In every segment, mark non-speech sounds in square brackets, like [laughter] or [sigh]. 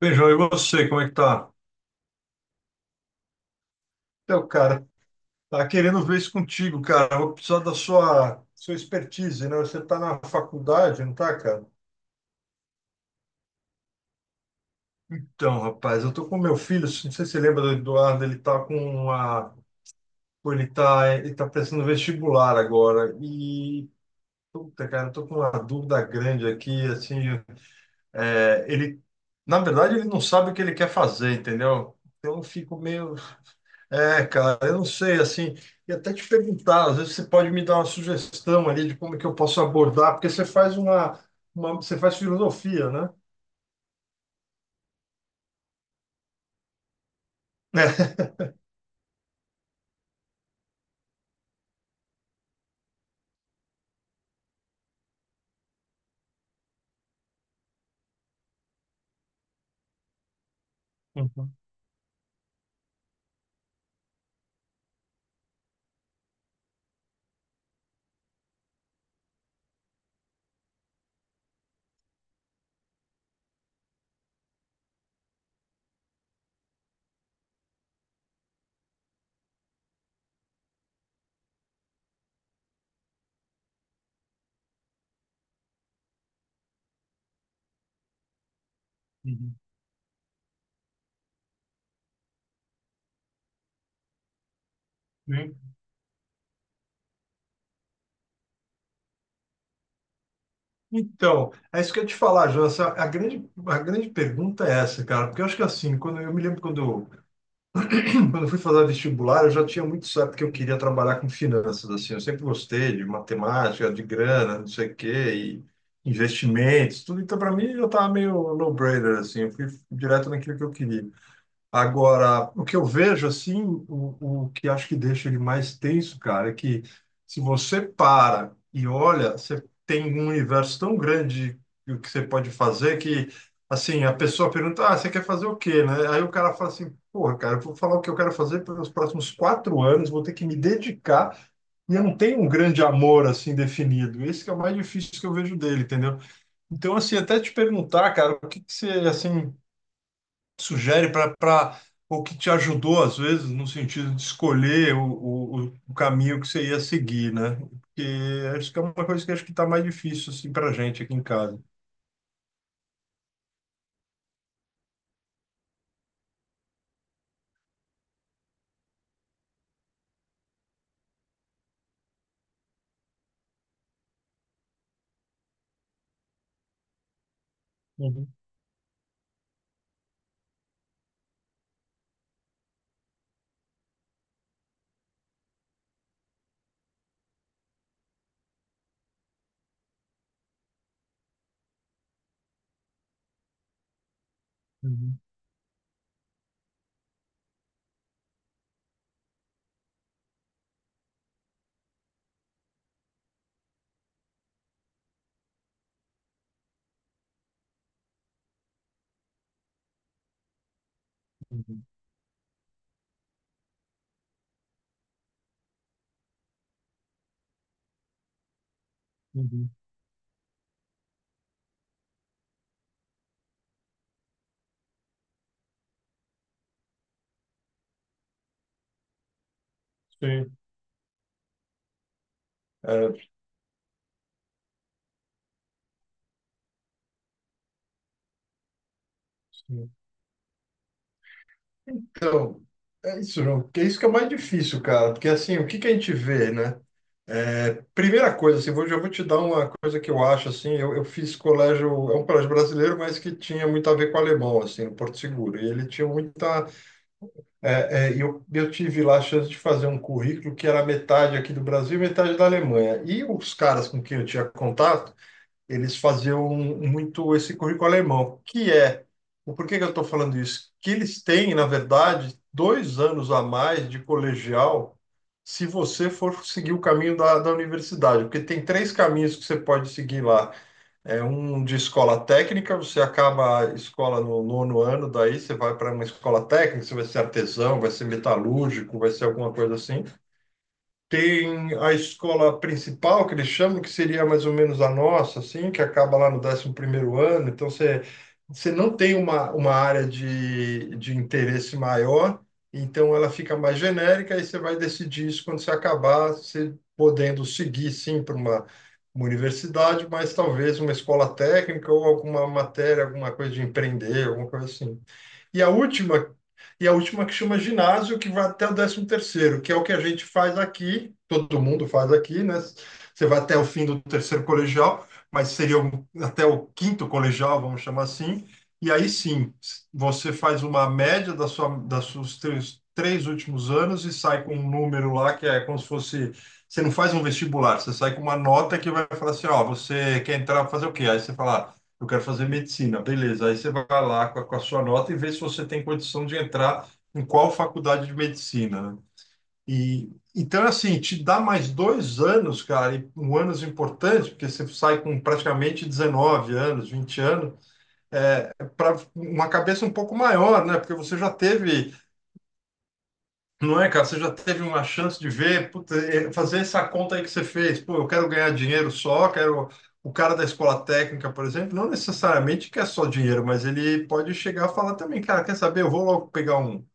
Beijão, e você, como é que tá? Então, cara, tá querendo ver isso contigo, cara. Vou precisar da sua expertise, né? Você tá na faculdade, não tá, cara? Então, rapaz, eu tô com meu filho, não sei se você lembra do Eduardo, ele tá com uma... Pô, ele tá prestando vestibular agora e... Puta, cara, eu tô com uma dúvida grande aqui, assim, ele... Na verdade, ele não sabe o que ele quer fazer, entendeu? Então, eu fico meio. É, cara, eu não sei, assim, e até te perguntar, às vezes você pode me dar uma sugestão ali de como é que eu posso abordar, porque você faz uma, você faz filosofia, né? [laughs] Uhum, uhum. Sim. Então, é isso que eu ia te falar, João. A grande pergunta é essa, cara, porque eu acho que assim, quando eu me lembro quando [clears throat] quando eu fui fazer vestibular, eu já tinha muito certo que eu queria trabalhar com finanças, assim, eu sempre gostei de matemática, de grana, não sei o quê, e investimentos, tudo. Então, para mim, já estava meio no-brainer, assim, eu fui direto naquilo que eu queria. Agora, o que eu vejo assim, o que acho que deixa ele mais tenso, cara, é que se você para e olha, você tem um universo tão grande de o que você pode fazer que, assim, a pessoa pergunta, ah, você quer fazer o quê, né? Aí o cara fala assim, porra, cara, eu vou falar o que eu quero fazer pelos próximos 4 anos, vou ter que me dedicar e eu não tenho um grande amor assim definido. Esse que é o mais difícil que eu vejo dele, entendeu? Então, assim, até te perguntar, cara, o que que você, assim, sugere para o que te ajudou, às vezes, no sentido de escolher o caminho que você ia seguir, né? Porque acho que é uma coisa que acho que está mais difícil assim, para a gente aqui em casa. Uhum, uhum, uhum, uhum. Sim. É, sim. Então, é isso, João. Porque é isso que é mais difícil, cara. Porque assim, o que que a gente vê, né? É, primeira coisa, assim, vou, já vou te dar uma coisa que eu acho, assim, eu fiz colégio, é um colégio brasileiro, mas que tinha muito a ver com alemão, assim, no Porto Seguro. E ele tinha muita. Eu tive lá a chance de fazer um currículo que era metade aqui do Brasil e metade da Alemanha. E os caras com quem eu tinha contato, eles faziam um, muito esse currículo alemão, que é, o que que eu estou falando isso? Que eles têm, na verdade, 2 anos a mais de colegial se você for seguir o caminho da, da universidade, porque tem três caminhos que você pode seguir lá. É um de escola técnica, você acaba a escola no 9º ano, daí você vai para uma escola técnica, você vai ser artesão, vai ser metalúrgico, vai ser alguma coisa assim. Tem a escola principal, que eles chamam, que seria mais ou menos a nossa, assim, que acaba lá no 11º ano. Então, você, você não tem uma área de interesse maior, então ela fica mais genérica e você vai decidir isso quando você acabar, você podendo seguir, sim, para uma universidade, mas talvez uma escola técnica ou alguma matéria, alguma coisa de empreender, alguma coisa assim. E a última e a última que chama ginásio, que vai até o 13º, que é o que a gente faz aqui, todo mundo faz aqui, né? Você vai até o fim do 3º colegial, mas seria até o 5º colegial, vamos chamar assim, e aí sim, você faz uma média da sua, das seus três, últimos anos e sai com um número lá que é como se fosse. Você não faz um vestibular, você sai com uma nota que vai falar assim: ó, você quer entrar para fazer o quê? Aí você fala eu quero fazer medicina. Beleza, aí você vai lá com com a sua nota e vê se você tem condição de entrar em qual faculdade de medicina, né? E então, assim, te dá mais 2 anos, cara, e um anos importante, porque você sai com praticamente 19 anos, 20 anos, é, para uma cabeça um pouco maior, né? Porque você já teve. Não é, cara? Você já teve uma chance de ver, puta, é, fazer essa conta aí que você fez. Pô, eu quero ganhar dinheiro só, quero. O cara da escola técnica, por exemplo, não necessariamente quer só dinheiro, mas ele pode chegar a falar também, cara, quer saber? Eu vou logo pegar um,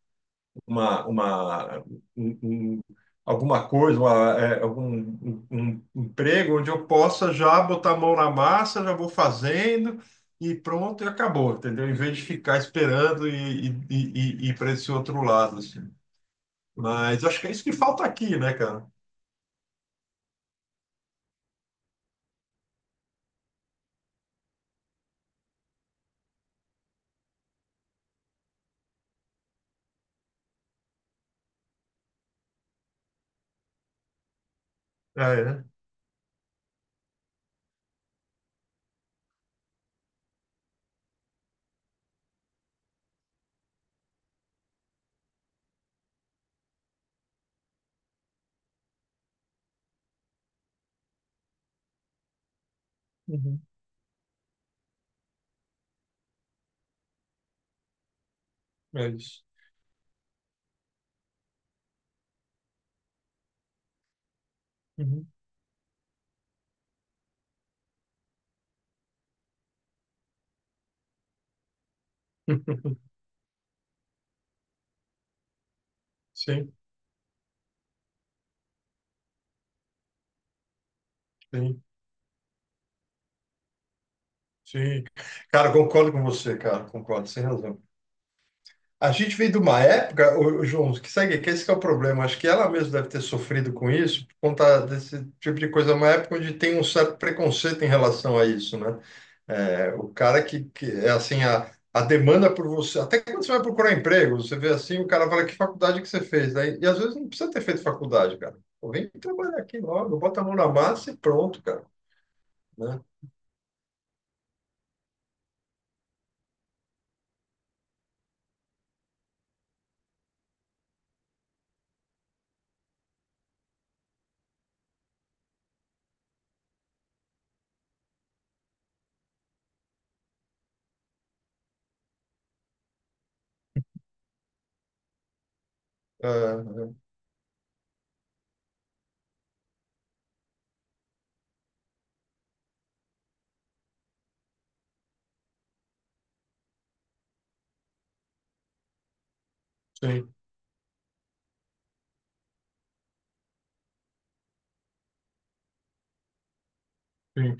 uma, um- um- alguma coisa, uma, algum um emprego onde eu possa já botar a mão na massa, já vou fazendo e pronto, e acabou, entendeu? Em vez de ficar esperando e ir para esse outro lado, assim. Mas acho que é isso que falta aqui, né, cara? Ah, é? Uhum. É isso. Uhum. [laughs] Sim, sim, sim. Cara, concordo com você, cara, concordo, sem razão. A gente veio de uma época, João, que segue, que esse que é o problema. Acho que ela mesma deve ter sofrido com isso, por conta desse tipo de coisa, uma época onde tem um certo preconceito em relação a isso, né? É, o cara que é assim, a demanda por você, até quando você vai procurar emprego, você vê assim, o cara fala, que faculdade que você fez? Aí, e às vezes não precisa ter feito faculdade, cara. Pô, vem trabalhar aqui logo, bota a mão na massa e pronto, cara, né? É, sim, sim.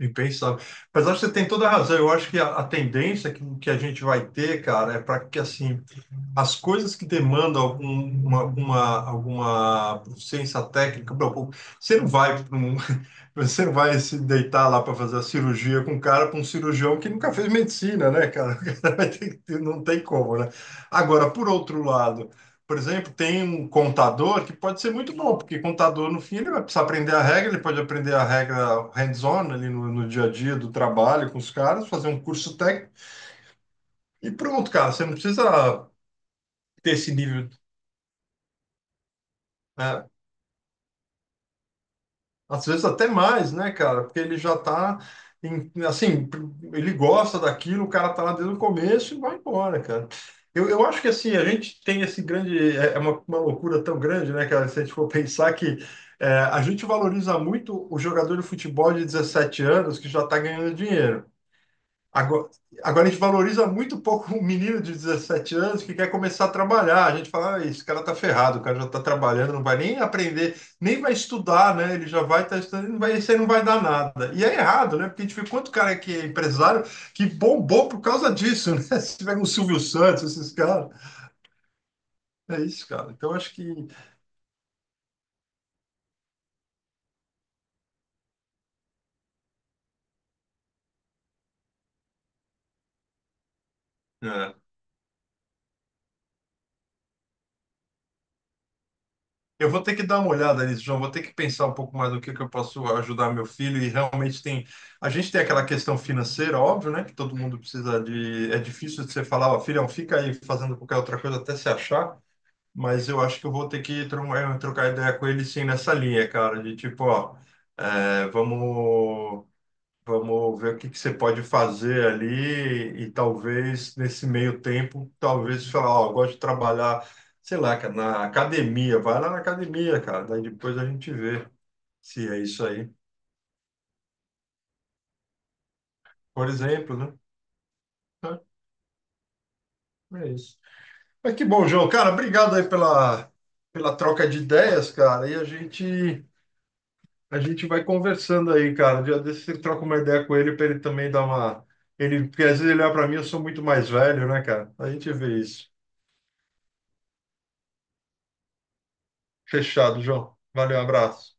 Impensável. Mas acho que você tem toda a razão. Eu acho que a tendência que a gente vai ter, cara, é para que assim as coisas que demandam algum, uma, alguma, alguma proficiência técnica, bom, você não vai para um, você vai se deitar lá para fazer a cirurgia com um cara, para um cirurgião que nunca fez medicina, né, cara? [laughs] O cara vai ter que não tem como, né? Agora, por outro lado, por exemplo, tem um contador que pode ser muito bom, porque contador, no fim, ele vai precisar aprender a regra, ele pode aprender a regra hands-on ali no dia a dia do trabalho com os caras, fazer um curso técnico e pronto, cara. Você não precisa ter esse nível, né? Às vezes até mais, né, cara? Porque ele já tá, assim, ele gosta daquilo, o cara tá lá desde o começo e vai embora, cara. Eu acho que, assim, a gente tem esse grande... É é uma loucura tão grande, né, cara? Se a gente for [laughs] pensar que é, a gente valoriza muito o jogador de futebol de 17 anos que já tá ganhando dinheiro. Agora, a gente valoriza muito pouco um menino de 17 anos que quer começar a trabalhar. A gente fala, ah, esse cara tá ferrado, o cara já tá trabalhando, não vai nem aprender, nem vai estudar, né? Ele já vai estar estudando, não vai, isso aí não vai dar nada. E é errado, né? Porque a gente vê quanto cara que é empresário que bombou por causa disso, né? [laughs] Se tiver um Silvio Santos, esses caras. É isso, cara. Então acho que. É. Eu vou ter que dar uma olhada nisso, João. Vou ter que pensar um pouco mais do que eu posso ajudar meu filho. E realmente tem. A gente tem aquela questão financeira, óbvio, né? Que todo mundo precisa de. É difícil de você falar, ó, filhão, fica aí fazendo qualquer outra coisa até se achar. Mas eu acho que eu vou ter que trocar ideia com ele sim nessa linha, cara. De tipo, ó, vamos. Vamos ver o que que você pode fazer ali e talvez nesse meio tempo, talvez falar, ó, eu gosto de trabalhar, sei lá, cara, na academia, vai lá na academia, cara, daí depois a gente vê se é isso aí. Por exemplo, né? É é isso. Mas que bom, João, cara, obrigado aí pela, pela troca de ideias, cara, e a gente vai conversando aí, cara. Dia desse você troca uma ideia com ele para ele também dar uma ele, porque às vezes ele olha para mim, eu sou muito mais velho, né, cara? A gente vê isso. Fechado, João. Valeu, abraço.